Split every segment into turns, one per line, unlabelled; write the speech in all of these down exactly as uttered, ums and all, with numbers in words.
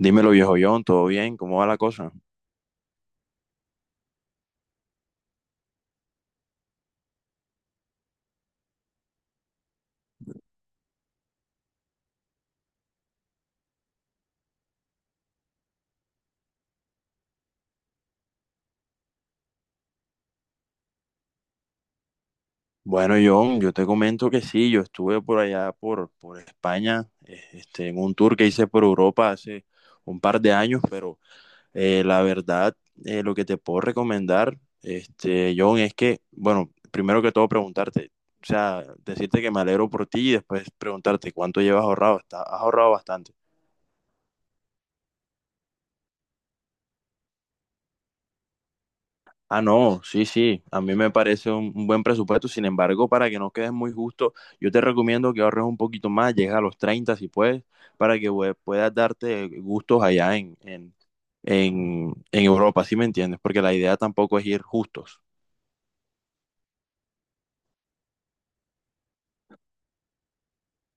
Dímelo, viejo John, ¿todo bien? ¿Cómo va la cosa? Bueno, John, yo te comento que sí, yo estuve por allá, por, por España, eh, este, en un tour que hice por Europa hace un par de años, pero eh, la verdad, eh, lo que te puedo recomendar, este, John, es que, bueno, primero que todo preguntarte, o sea, decirte que me alegro por ti y después preguntarte cuánto llevas ahorrado. Está- ¿has ahorrado bastante? Ah, no, sí, sí, a mí me parece un, un buen presupuesto. Sin embargo, para que no quedes muy justo, yo te recomiendo que ahorres un poquito más, llega a los treinta si puedes, para que pue- puedas darte gustos allá en, en, en, en Europa, ¿sí me entiendes? Porque la idea tampoco es ir justos.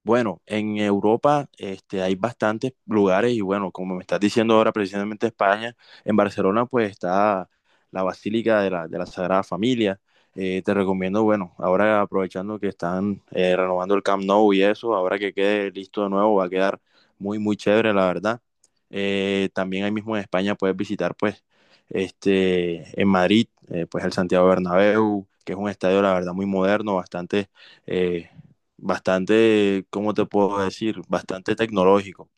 Bueno, en Europa este, hay bastantes lugares y bueno, como me estás diciendo ahora, precisamente España, en Barcelona pues está la Basílica de la, de la Sagrada Familia. Eh, te recomiendo, bueno, ahora aprovechando que están eh, renovando el Camp Nou y eso, ahora que quede listo de nuevo va a quedar muy, muy chévere, la verdad. Eh, también ahí mismo en España puedes visitar pues este, en Madrid, eh, pues el Santiago Bernabéu, que es un estadio, la verdad, muy moderno, bastante... eh, bastante, ¿cómo te puedo decir? Bastante tecnológico.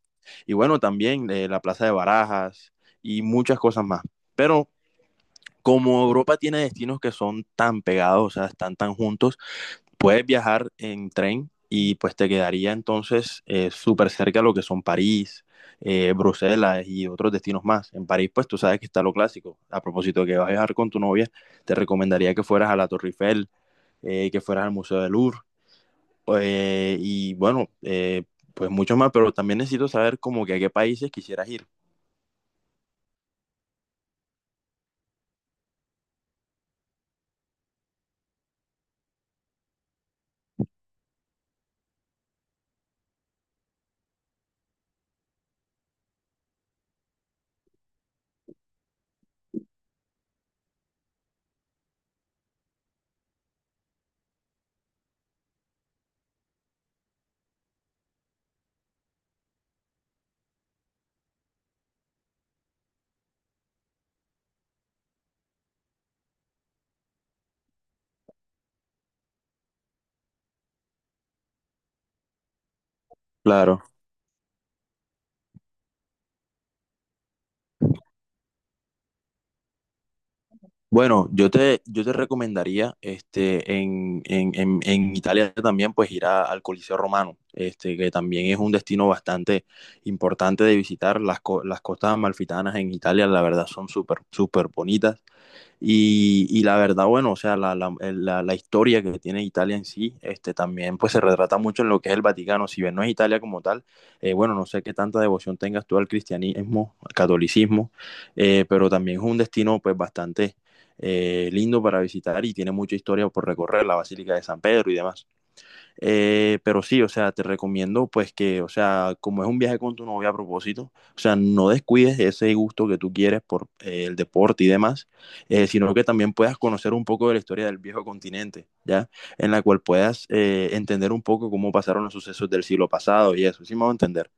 Y bueno, también eh, la Plaza de Barajas y muchas cosas más. Pero como Europa tiene destinos que son tan pegados, o sea, están tan juntos, puedes viajar en tren y pues te quedaría entonces eh, súper cerca a lo que son París, eh, Bruselas y otros destinos más. En París, pues tú sabes que está lo clásico. A propósito de que vas a viajar con tu novia, te recomendaría que fueras a la Torre Eiffel, eh, que fueras al Museo del Louvre, eh, y bueno, eh, pues mucho más, pero también necesito saber como que a qué países quisieras ir. Claro. Bueno, yo te, yo te recomendaría este, en, en, en, en Italia también pues ir a- al Coliseo Romano, este, que también es un destino bastante importante de visitar. Las, co- las costas amalfitanas en Italia, la verdad, son súper, súper bonitas. Y, y la verdad, bueno, o sea, la, la, la, la historia que tiene Italia en sí, este, también pues se retrata mucho en lo que es el Vaticano. Si bien no es Italia como tal, eh, bueno, no sé qué tanta devoción tengas tú al cristianismo, al catolicismo, eh, pero también es un destino pues bastante eh, lindo para visitar y tiene mucha historia por recorrer, la Basílica de San Pedro y demás. Eh, pero sí, o sea, te recomiendo pues que, o sea, como es un viaje con tu novia a propósito, o sea, no descuides ese gusto que tú quieres por eh, el deporte y demás, eh, sino que también puedas conocer un poco de la historia del viejo continente, ¿ya? En la cual puedas eh, entender un poco cómo pasaron los sucesos del siglo pasado y eso, ¿sí me voy a entender?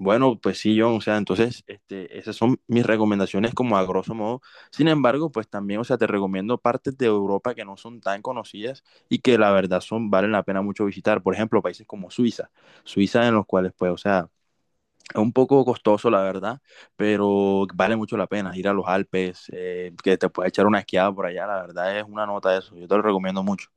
Bueno, pues sí, John, o sea, entonces, este, esas son mis recomendaciones como a grosso modo. Sin embargo, pues también, o sea, te recomiendo partes de Europa que no son tan conocidas y que la verdad son, valen la pena mucho visitar. Por ejemplo, países como Suiza, Suiza en los cuales, pues, o sea, es un poco costoso, la verdad, pero vale mucho la pena ir a los Alpes, eh, que te puedes echar una esquiada por allá, la verdad es una nota eso, yo te lo recomiendo mucho.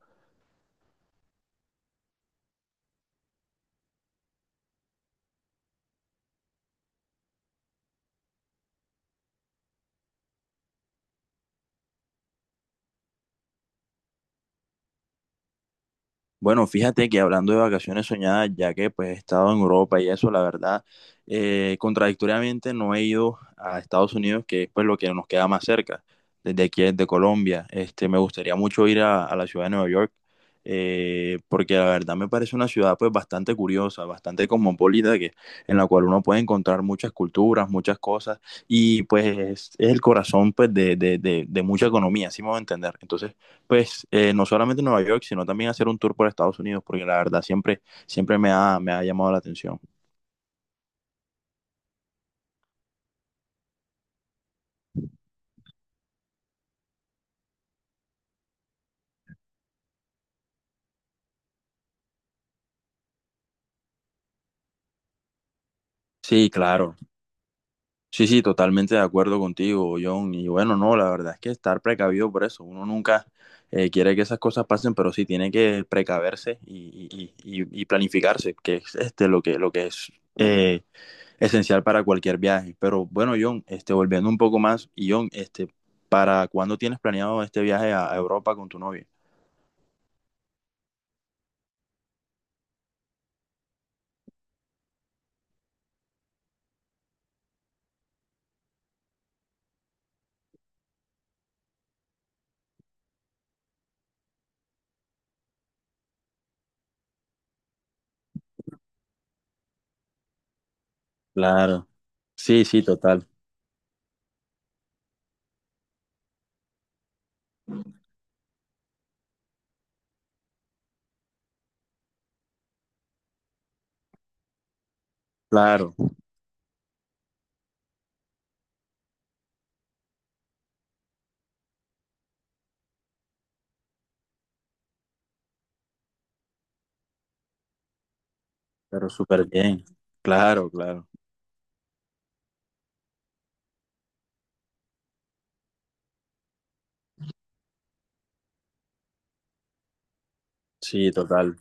Bueno, fíjate que hablando de vacaciones soñadas, ya que pues he estado en Europa y eso, la verdad, eh, contradictoriamente no he ido a Estados Unidos, que es pues lo que nos queda más cerca, desde aquí, desde Colombia. Este, me gustaría mucho ir a, a la ciudad de Nueva York, eh, porque la verdad me parece una ciudad pues bastante curiosa, bastante cosmopolita, que, en la cual uno puede encontrar muchas culturas, muchas cosas, y pues es, es el corazón pues de, de, de, de mucha economía, así me voy a entender. Entonces, pues eh, no solamente en Nueva York, sino también hacer un tour por Estados Unidos, porque la verdad siempre, siempre me ha, me ha llamado la atención. Sí, claro. Sí, sí, totalmente de acuerdo contigo, John. Y bueno, no, la verdad es que estar precavido por eso. Uno nunca eh, quiere que esas cosas pasen, pero sí tiene que precaverse y, y- y- y y planificarse, que es este, lo que, lo que es eh, esencial para cualquier viaje. Pero bueno, John, este, volviendo un poco más, y John, este, ¿para cuándo tienes planeado este viaje a a Europa con tu novia? Claro. Sí, sí, total. Claro, pero súper bien. Claro, claro. Sí, total.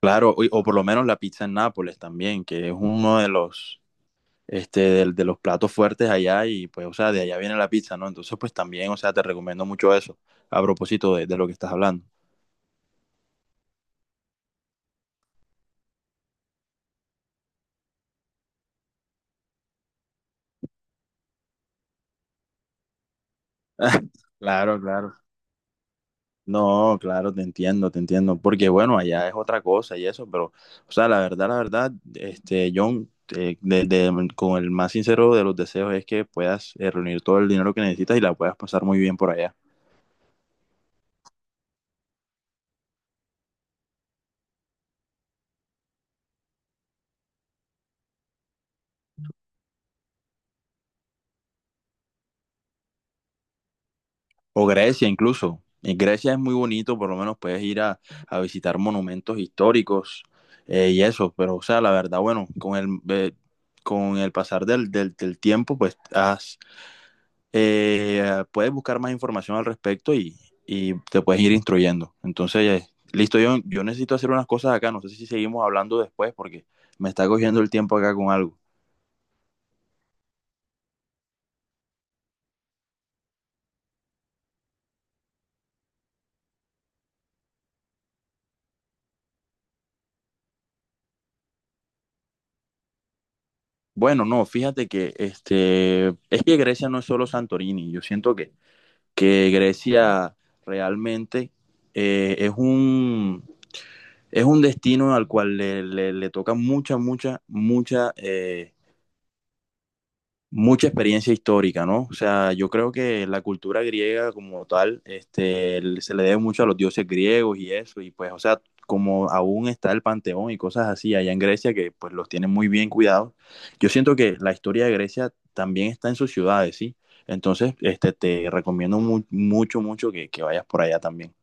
Claro, o, o por lo menos la pizza en Nápoles también, que es uno de los, este, del- de los platos fuertes allá y pues, o sea, de allá viene la pizza, ¿no? Entonces, pues también, o sea, te recomiendo mucho eso, a propósito de, de lo que estás hablando. Claro, claro. No, claro, te entiendo, te entiendo, porque bueno, allá es otra cosa y eso, pero, o sea, la verdad, la verdad, este, John, eh, de- de- con el más sincero de los deseos es que puedas eh, reunir todo el dinero que necesitas y la puedas pasar muy bien por allá. O Grecia incluso. En Grecia es muy bonito, por lo menos puedes ir a, a visitar monumentos históricos eh, y eso, pero, o sea, la verdad, bueno, con el, eh, con el pasar del, del, del tiempo, pues has eh, puedes buscar más información al respecto y, y te puedes ir instruyendo. Entonces, eh, listo, yo, yo necesito hacer unas cosas acá, no sé si seguimos hablando después porque me está cogiendo el tiempo acá con algo. Bueno, no, fíjate que este, es que Grecia no es solo Santorini, yo siento que, que Grecia realmente eh, es un, es un destino al cual le, le, le toca mucha, mucha, mucha eh, mucha experiencia histórica, ¿no? O sea, yo creo que la cultura griega como tal, este, se le debe mucho a los dioses griegos y eso, y pues, o sea, como aún está el Panteón y cosas así allá en Grecia que pues los tienen muy bien cuidados, yo siento que la historia de Grecia también está en sus ciudades, ¿sí? Entonces, este, te recomiendo mu- mucho, mucho que, que vayas por allá también.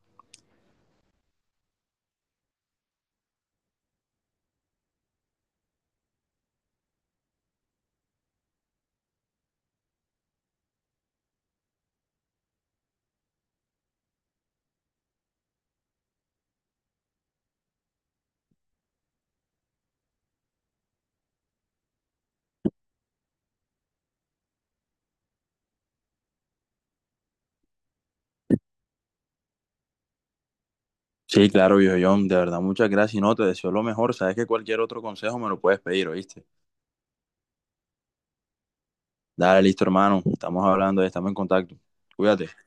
Sí, claro, viejo John, de verdad, muchas gracias y no, te deseo lo mejor, sabes que cualquier otro consejo me lo puedes pedir, ¿oíste? Dale, listo, hermano, estamos hablando, estamos en contacto, cuídate.